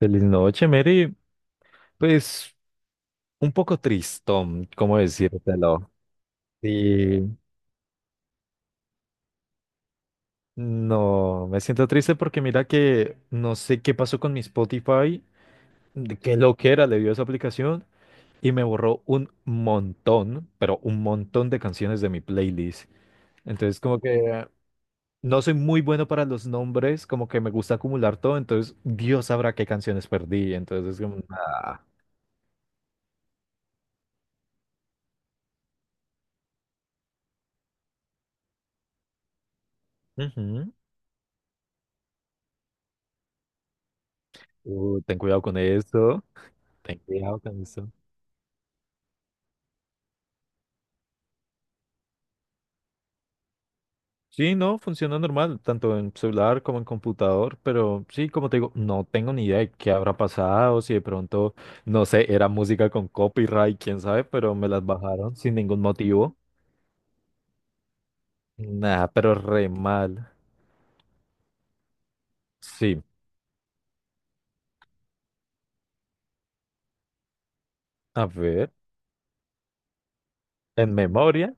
Feliz noche, Mary. Pues un poco tristón, ¿cómo decírtelo? Sí, no, me siento triste porque mira que no sé qué pasó con mi Spotify, de qué loquera le dio esa aplicación y me borró un montón, pero un montón de canciones de mi playlist. Entonces, como que no soy muy bueno para los nombres, como que me gusta acumular todo, entonces Dios sabrá qué canciones perdí. Entonces, es como, ah, ujú, ten cuidado con eso, ten cuidado con eso. Sí, no, funciona normal, tanto en celular como en computador, pero sí, como te digo, no tengo ni idea de qué habrá pasado, si de pronto, no sé, era música con copyright, quién sabe, pero me las bajaron sin ningún motivo. Nada, pero re mal. Sí, a ver, en memoria,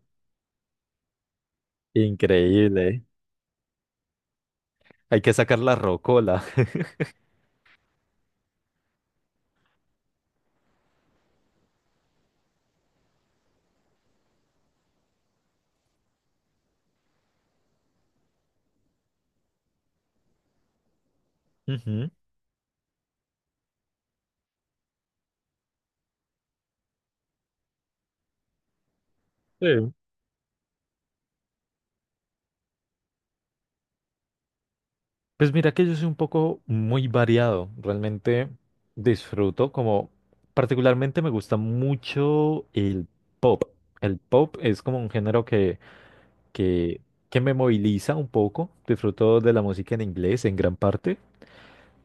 increíble. Hay que sacar la rocola. Ujú, sí. Pues mira que yo soy un poco muy variado, realmente disfruto como, particularmente me gusta mucho el pop. El pop es como un género que, que me moviliza un poco, disfruto de la música en inglés en gran parte,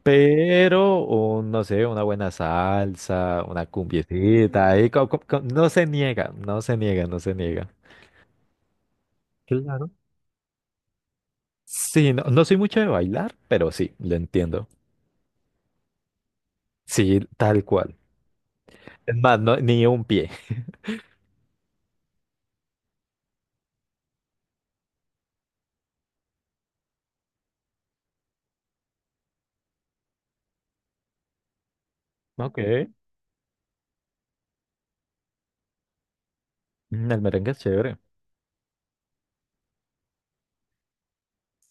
pero oh, no sé, una buena salsa, una cumbiecita, ahí no se niega, no se niega, no se niega. Claro. Sí, no, no soy mucho de bailar, pero sí, lo entiendo. Sí, tal cual. Es más, ni un pie. Ok. Mm, el merengue es chévere.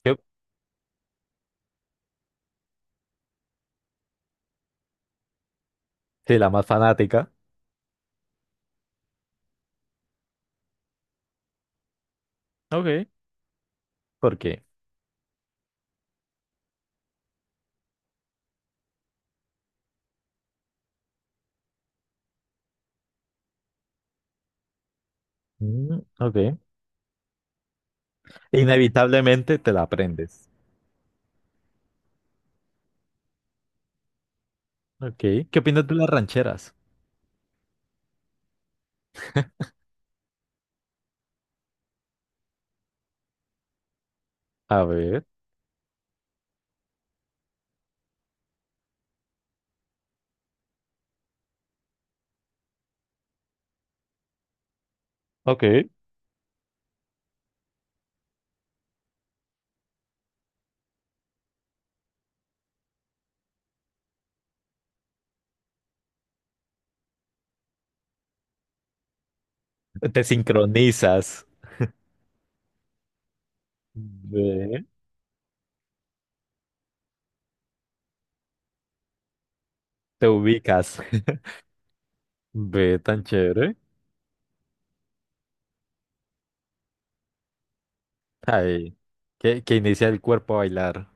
Yo- Sí, la más fanática, ok, porque mm, ok. Inevitablemente te la aprendes. Ok. ¿Qué opinas de las rancheras? A ver, ok, te sincronizas, ve, te ubicas. Ve tan chévere. Ay, que inicia el cuerpo a bailar.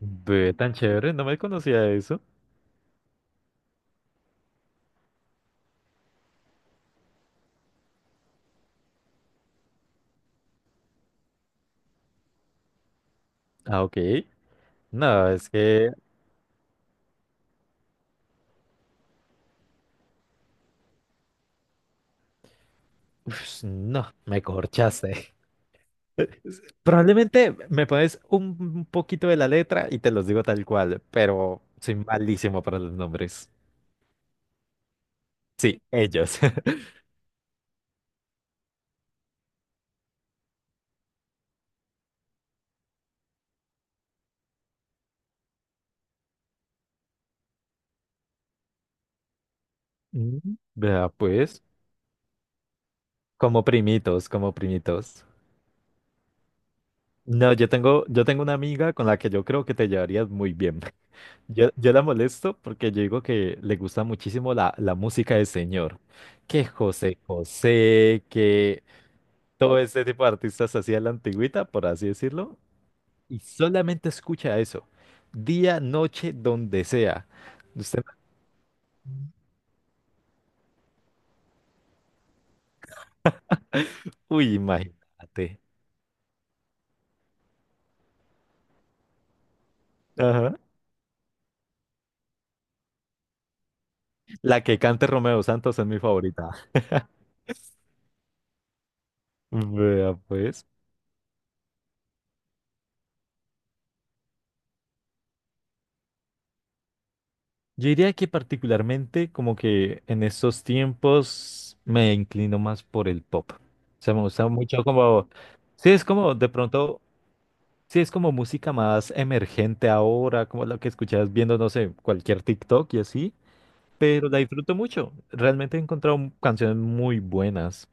Ve tan chévere, no me conocía eso. Ah, ok. No, es que. Uf, no, me corchaste. Probablemente me pones un poquito de la letra y te los digo tal cual, pero soy malísimo para los nombres. Sí, ellos. Mm, vea, pues, como primitos, como primitos. No, yo tengo una amiga con la que yo creo que te llevarías muy bien. Yo la molesto porque yo digo que le gusta muchísimo la música del señor. Que José José, que todo este tipo de artistas así de la antigüita, por así decirlo. Y solamente escucha eso. Día, noche, donde sea. Usted, no, uy, imagínate. Ajá. La que cante Romeo Santos es mi favorita. Vea, pues. Yo diría que particularmente como que en estos tiempos me inclino más por el pop. O sea, me gusta mucho como... Sí, es como de pronto... Sí, es como música más emergente ahora, como la que escuchas viendo, no sé, cualquier TikTok y así. Pero la disfruto mucho. Realmente he encontrado canciones muy buenas.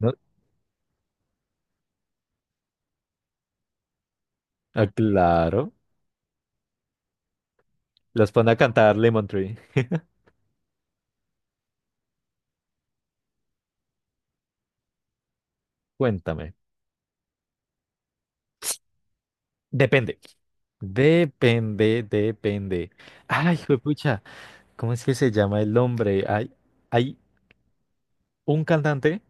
¿No? Ah, claro. Las pone a cantar Lemon Tree. Cuéntame. Depende. Depende, depende. Ay, juepucha, ¿cómo es que se llama el hombre? Hay un cantante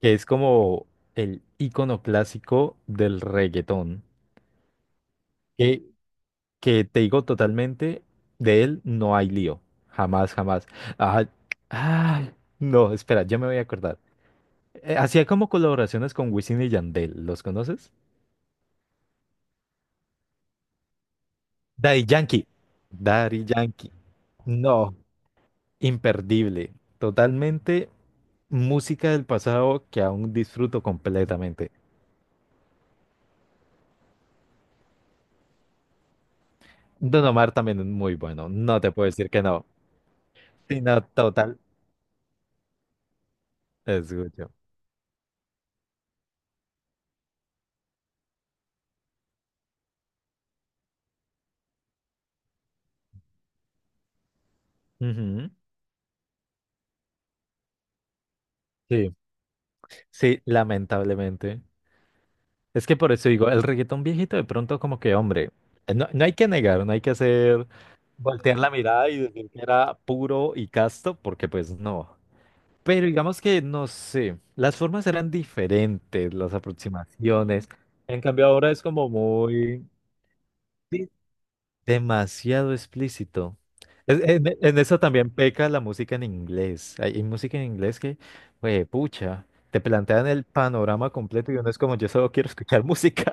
que es como el ícono clásico del reggaetón. Que, que te digo totalmente, de él no hay lío. Jamás, jamás. Ay, ay, no, espera, yo me voy a acordar. Hacía como colaboraciones con Wisin y Yandel, ¿los conoces? Daddy Yankee. Daddy Yankee. No, imperdible. Totalmente música del pasado que aún disfruto completamente. Don Omar también es muy bueno, no te puedo decir que no. Sino total, escucho. Ujú. Sí, sí, lamentablemente. Es que por eso digo, el reggaetón viejito de pronto como que, hombre, no, no hay que negar, no hay que hacer, voltear la mirada y decir que era puro y casto, porque pues no. Pero digamos que, no sé, las formas eran diferentes, las aproximaciones. En cambio ahora es como muy, sí, demasiado explícito. En eso también peca la música en inglés. Hay música en inglés que, güey, pucha, te plantean el panorama completo y uno es como, yo solo quiero escuchar música.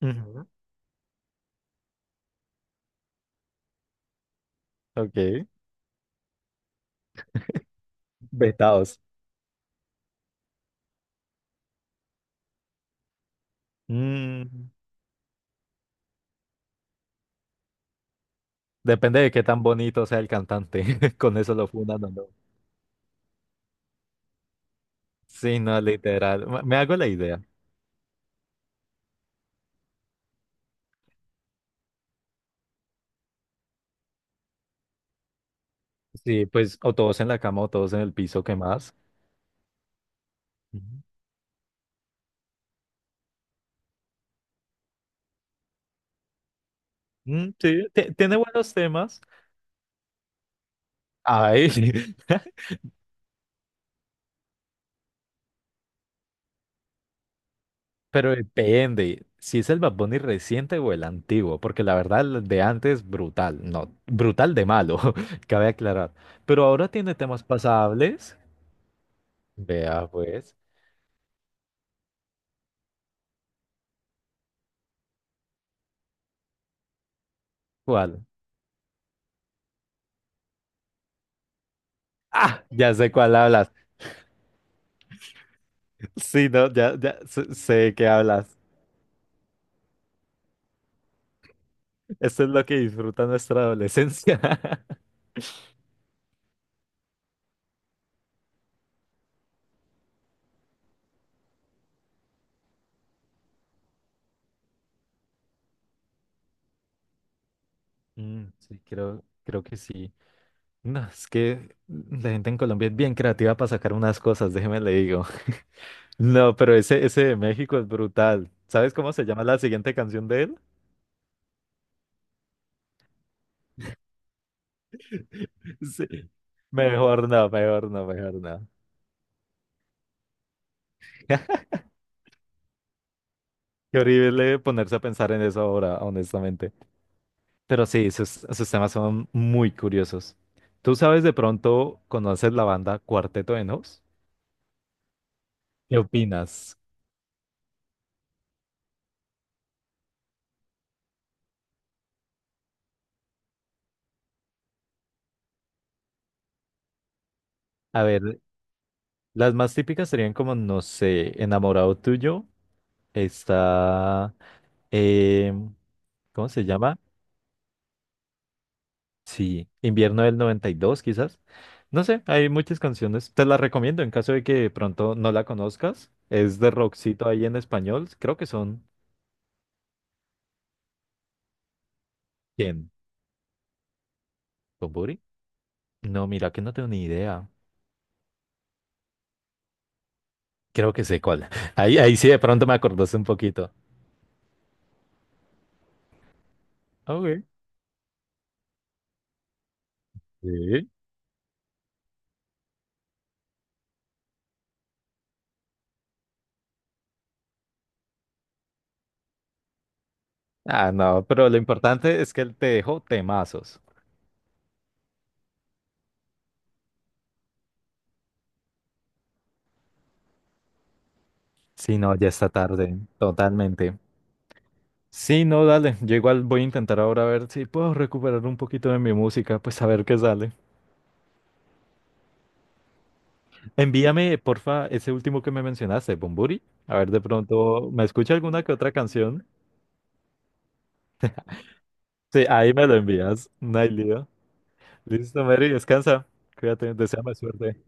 Ok. Vetados. Mm, depende de qué tan bonito sea el cantante. Con eso lo fundan o no. Sí, no, literal. Me hago la idea. Sí, pues, o todos en la cama o todos en el piso, ¿qué más? Ujú. Mm, sí, tiene buenos temas. Ay, pero depende si es el Bad Bunny reciente o el antiguo, porque la verdad el de antes brutal, no, brutal de malo, cabe aclarar. Pero ahora tiene temas pasables. Vea pues, ¿cuál? Ah, ya sé cuál hablas. Sí, no, ya sé, sé qué hablas. Esto es lo que disfruta nuestra adolescencia. Mm, sí, creo que sí. No, es que la gente en Colombia es bien creativa para sacar unas cosas, déjeme le digo. No, pero ese de México es brutal. ¿Sabes cómo se llama la siguiente canción de él? Sí. Mejor no, mejor no, mejor no. Qué horrible ponerse a pensar en eso ahora, honestamente. Pero sí, sus temas son muy curiosos. ¿Tú sabes de pronto, conoces la banda Cuarteto de Nos? ¿Qué opinas? A ver, las más típicas serían como, no sé, Enamorado Tuyo, está, eh, ¿cómo se llama? Sí, Invierno del 92 quizás. No sé, hay muchas canciones. Te las recomiendo en caso de que de pronto no la conozcas. Es de rockcito ahí en español. Creo que son... ¿Quién? ¿Bunbury? No, mira que no tengo ni idea. Creo que sé cuál. Ahí sí de pronto me acordaste un poquito. Ok. Sí. Ah, no, pero lo importante es que él te dejó temazos. Si no, ya está tarde, totalmente. Sí, no, dale. Yo igual voy a intentar ahora ver si puedo recuperar un poquito de mi música, pues a ver qué sale. Envíame, porfa, ese último que me mencionaste, Bumburi. A ver, de pronto, ¿me escucha alguna que otra canción? Sí, ahí me lo envías. No hay lío. Listo, Mary, descansa. Cuídate, deséame suerte.